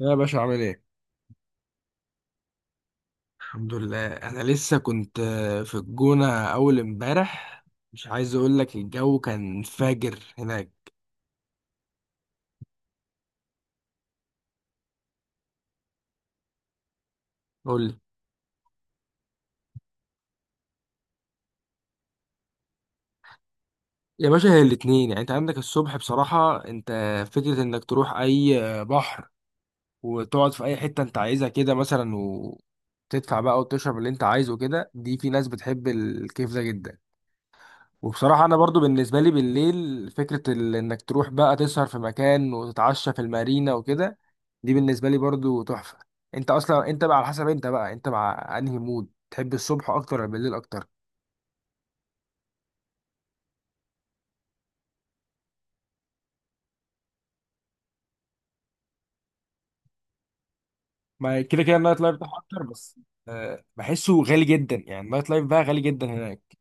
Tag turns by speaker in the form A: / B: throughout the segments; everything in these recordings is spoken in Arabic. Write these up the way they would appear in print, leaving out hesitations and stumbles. A: يا باشا عامل ايه؟ الحمد لله انا لسه كنت في الجونة اول امبارح. مش عايز اقول لك الجو كان فاجر هناك. قول لي. يا باشا هي الاتنين يعني انت عندك الصبح بصراحة. انت فكرة انك تروح اي بحر وتقعد في اي حتة انت عايزها كده مثلا وتدفع بقى وتشرب اللي انت عايزه كده، دي في ناس بتحب الكيف ده جدا. وبصراحة أنا برضو بالنسبة لي بالليل فكرة إنك تروح بقى تسهر في مكان وتتعشى في المارينا وكده، دي بالنسبه لي برضو تحفه. انت اصلا انت بقى على حسب، انت بقى انت مع انهي مود تحب، الصبح اكتر ولا بالليل اكتر؟ ما كده كده النايت لايف بتاعها اكتر، بس بحسه غالي جدا، يعني النايت لايف بقى غالي جدا هناك.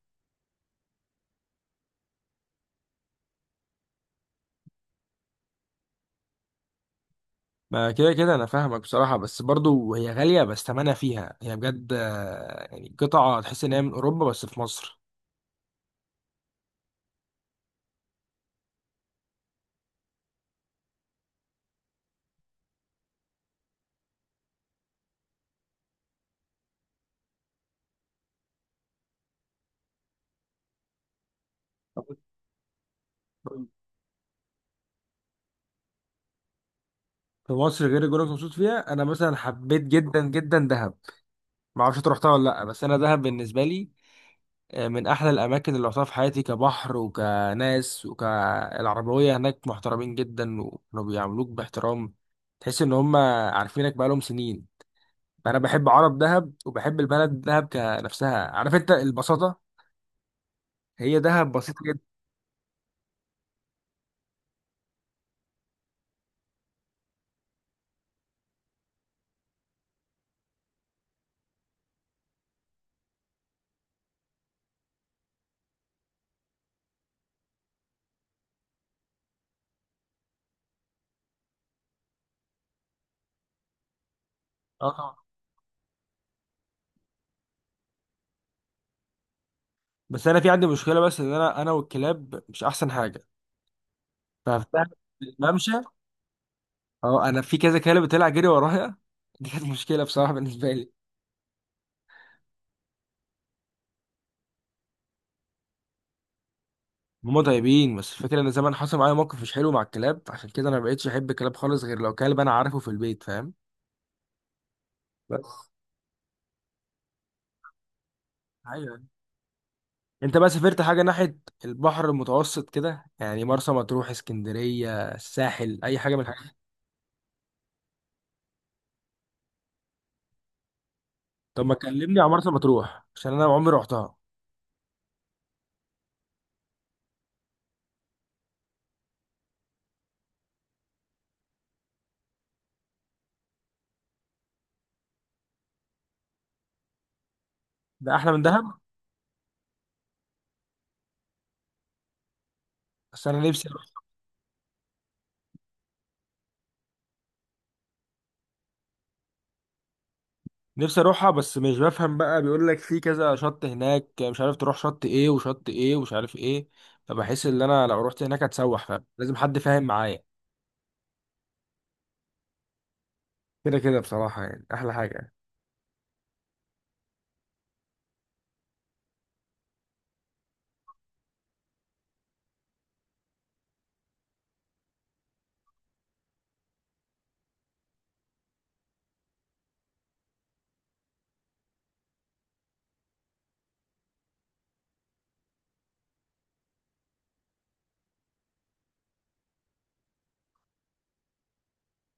A: ما كده كده انا فاهمك بصراحه، بس برضو هي غاليه بس ثمنها فيها، هي بجد يعني قطعه تحس ان هي من اوروبا بس في مصر. في مصر غير الجونه اللي مبسوط فيها، انا مثلا حبيت جدا جدا دهب. ما اعرفش انت رحتها ولا لا، بس انا دهب بالنسبه لي من احلى الاماكن اللي رحتها في حياتي. كبحر وكناس وكالعربويه هناك محترمين جدا، وكانوا بيعاملوك باحترام. تحس ان هم عارفينك بقالهم سنين. فانا بحب عرب دهب وبحب البلد دهب كنفسها، عارف انت البساطه، هي دهب بسيطه جدا. اه طبعاً. بس انا في عندي مشكله، بس ان انا والكلاب مش احسن حاجه. ففي دهب الممشى، اه انا في كذا كلب طلع جري ورايا دي كانت مشكله بصراحه بالنسبه لي. هما طيبين، بس الفكرة ان زمان حصل معايا موقف مش حلو مع الكلاب، عشان كده انا ما بقتش احب الكلاب خالص، غير لو كلب انا عارفه في البيت، فاهم. بس ايوه، انت بقى سافرت حاجة ناحية البحر المتوسط كده، يعني مرسى مطروح، اسكندرية، الساحل، اي حاجة من الحاجات دي؟ طب ما تكلمني عن مرسى مطروح عشان انا عمري رحتها. ده احلى من دهب؟ بس انا نفسي اروح. نفسي اروحها، بس مش بفهم بقى، بيقول لك في كذا شط هناك، مش عارف تروح شط ايه وشط ايه ومش عارف ايه. فبحس ان انا لو رحت هناك هتسوح، فاهم، لازم حد فاهم معايا. كده كده بصراحة، يعني أحلى حاجة يعني.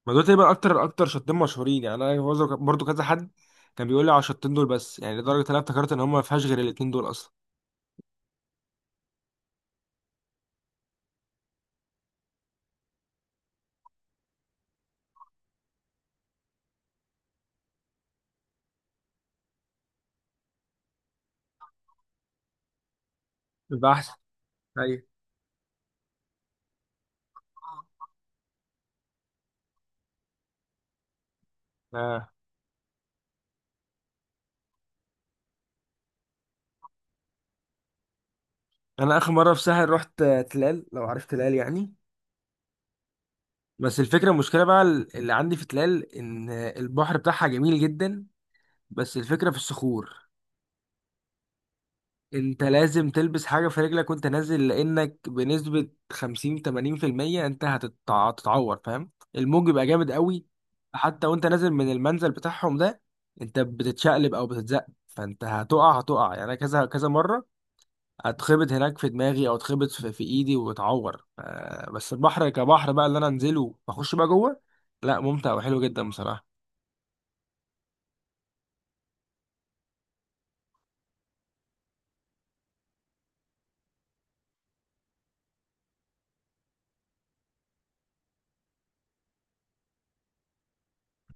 A: ما دول تقريبا اكتر اكتر شطين مشهورين، يعني انا برضه كذا حد كان بيقول لي على الشطين دول بس، يعني لدرجه ان انا افتكرت ان هم ما فيهاش غير الاتنين دول اصلا. يبقى أحسن. أيوة. آه. انا اخر مره في سهل رحت تلال، لو عرفت تلال يعني. بس الفكره المشكله بقى اللي عندي في تلال، ان البحر بتاعها جميل جدا، بس الفكره في الصخور. انت لازم تلبس حاجة في رجلك وانت نازل، لانك بنسبة 50 80% انت هتتعور، فاهم. الموج بيبقى جامد قوي. حتى وانت نازل من المنزل بتاعهم ده، انت بتتشقلب او بتتزق، فانت هتقع يعني. انا كذا كذا مرة اتخبط هناك في دماغي، او اتخبط في ايدي واتعور بس البحر كبحر بقى اللي انا انزله واخش بقى جوه، لا ممتع وحلو جدا بصراحة.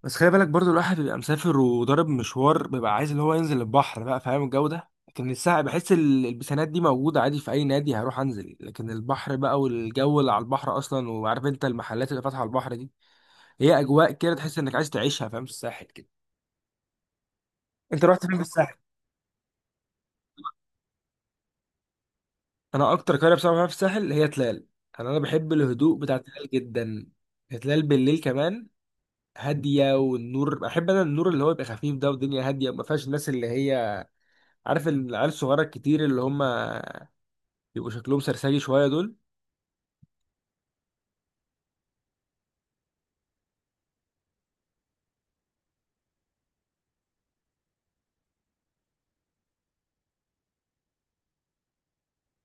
A: بس خلي بالك برضو، الواحد بيبقى مسافر وضارب مشوار، بيبقى عايز اللي هو ينزل البحر بقى فاهم، الجو ده. لكن الساعة بحس البسانات دي موجودة عادي في أي نادي هروح أنزل. لكن البحر بقى، والجو اللي على البحر أصلا، وعارف أنت المحلات اللي فاتحة على البحر دي، هي أجواء كده تحس إنك عايز تعيشها فاهم، في الساحل كده. أنت رحت فين في الساحل؟ أنا أكتر قرية بصراحة بحبها في الساحل هي تلال. أنا بحب الهدوء بتاع تلال جدا. تلال بالليل كمان هادية، والنور بحب أنا النور اللي هو يبقى خفيف ده، والدنيا هادية، ما فيهاش الناس اللي هي، عارف العيال الصغيرة الكتير اللي هم بيبقوا شكلهم سرسجي شوية دول.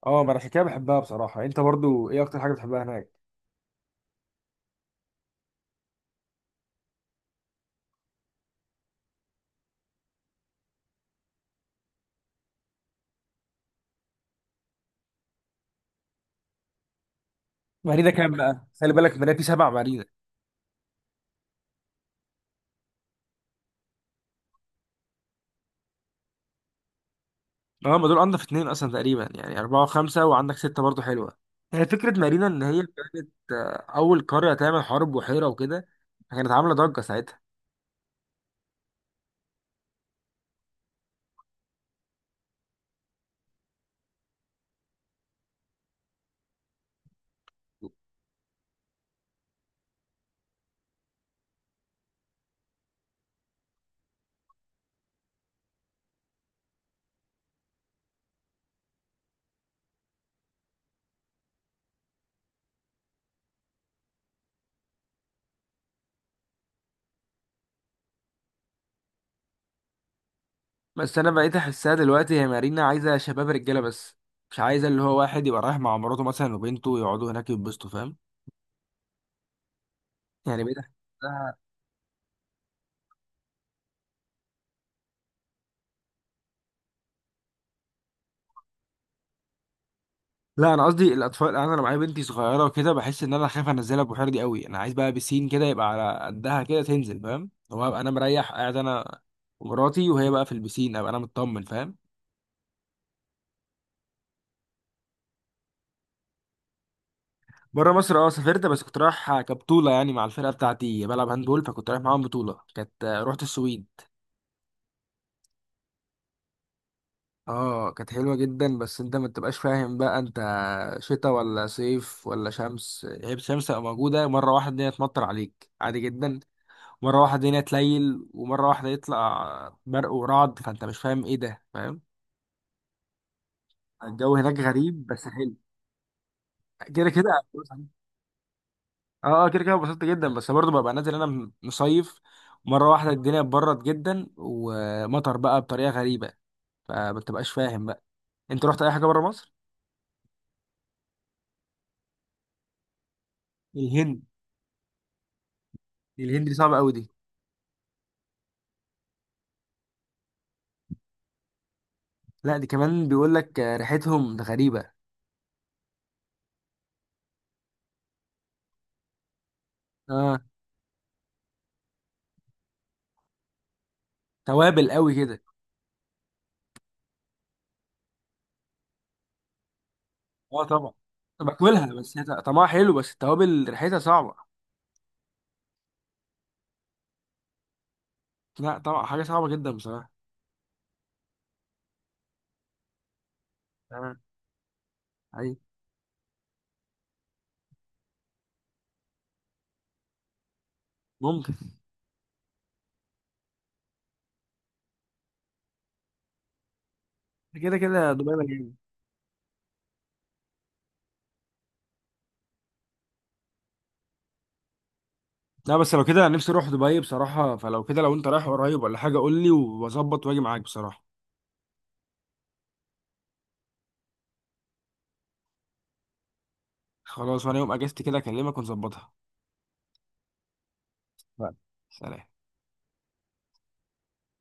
A: اه ما انا عشان كده بحبها بصراحه. انت برضو ايه اكتر حاجه بتحبها هناك؟ مارينا كام بقى، خلي بالك، مارينا في سبع مارينا. اه ما دول انضف اتنين اصلا تقريبا، يعني اربعة وخمسة، وعندك ستة برضو حلوة. هي فكرة مارينا ان هي كانت اول قرية تعمل حرب بحيرة وكده، كانت عاملة ضجة ساعتها. بس انا بقيت احسها دلوقتي هي مارينا عايزة شباب رجالة بس، مش عايزة اللي هو واحد يبقى رايح مع مراته مثلا وبنته يقعدوا هناك يتبسطوا، فاهم. يعني بقيت أحسها. لا انا قصدي الاطفال، يعني انا لو معايا بنتي صغيره وكده، بحس ان انا خايف انزلها البحيره دي قوي. انا عايز بقى بسين كده يبقى على قدها كده تنزل، فاهم، هو ابقى انا مريح قاعد انا ومراتي، وهي بقى في البسين ابقى انا مطمن، فاهم. بره مصر اه سافرت، بس كنت رايح كبطوله يعني مع الفرقه بتاعتي بلعب هاندبول، فكنت رايح معاهم بطوله، كانت رحت السويد. اه كانت حلوه جدا، بس انت ما تبقاش فاهم بقى انت شتاء ولا صيف ولا شمس. هي الشمس تبقى موجوده، مره واحده الدنيا تمطر عليك عادي جدا، مرة واحدة الدنيا تليل، ومرة واحدة يطلع برق ورعد، فانت مش فاهم ايه ده، فاهم. الجو هناك غريب بس حلو. كده كده. اه اه كده كده اتبسطت جدا، بس برضه ببقى نازل انا مصيف. مرة واحدة الدنيا اتبرد جدا ومطر بقى بطريقة غريبة، فما بتبقاش فاهم بقى. انت رحت اي حاجة بره مصر؟ الهند. الهند دي صعبة قوي دي. لا دي كمان بيقول لك ريحتهم ده غريبة. اه. توابل قوي كده. اه طبعا باكلها، بس هي طعمها حلو، بس التوابل ريحتها صعبة. لا طبعا حاجة صعبة جدا بصراحة. آه. أي. ممكن. كده كده دبي مليانة. لا بس لو كده نفسي أروح دبي بصراحة، فلو كده لو أنت رايح قريب ولا حاجة قول لي، وأظبط وأجي معاك بصراحة. خلاص وأنا يوم أجازتي كده أكلمك ونظبطها. لا، سلام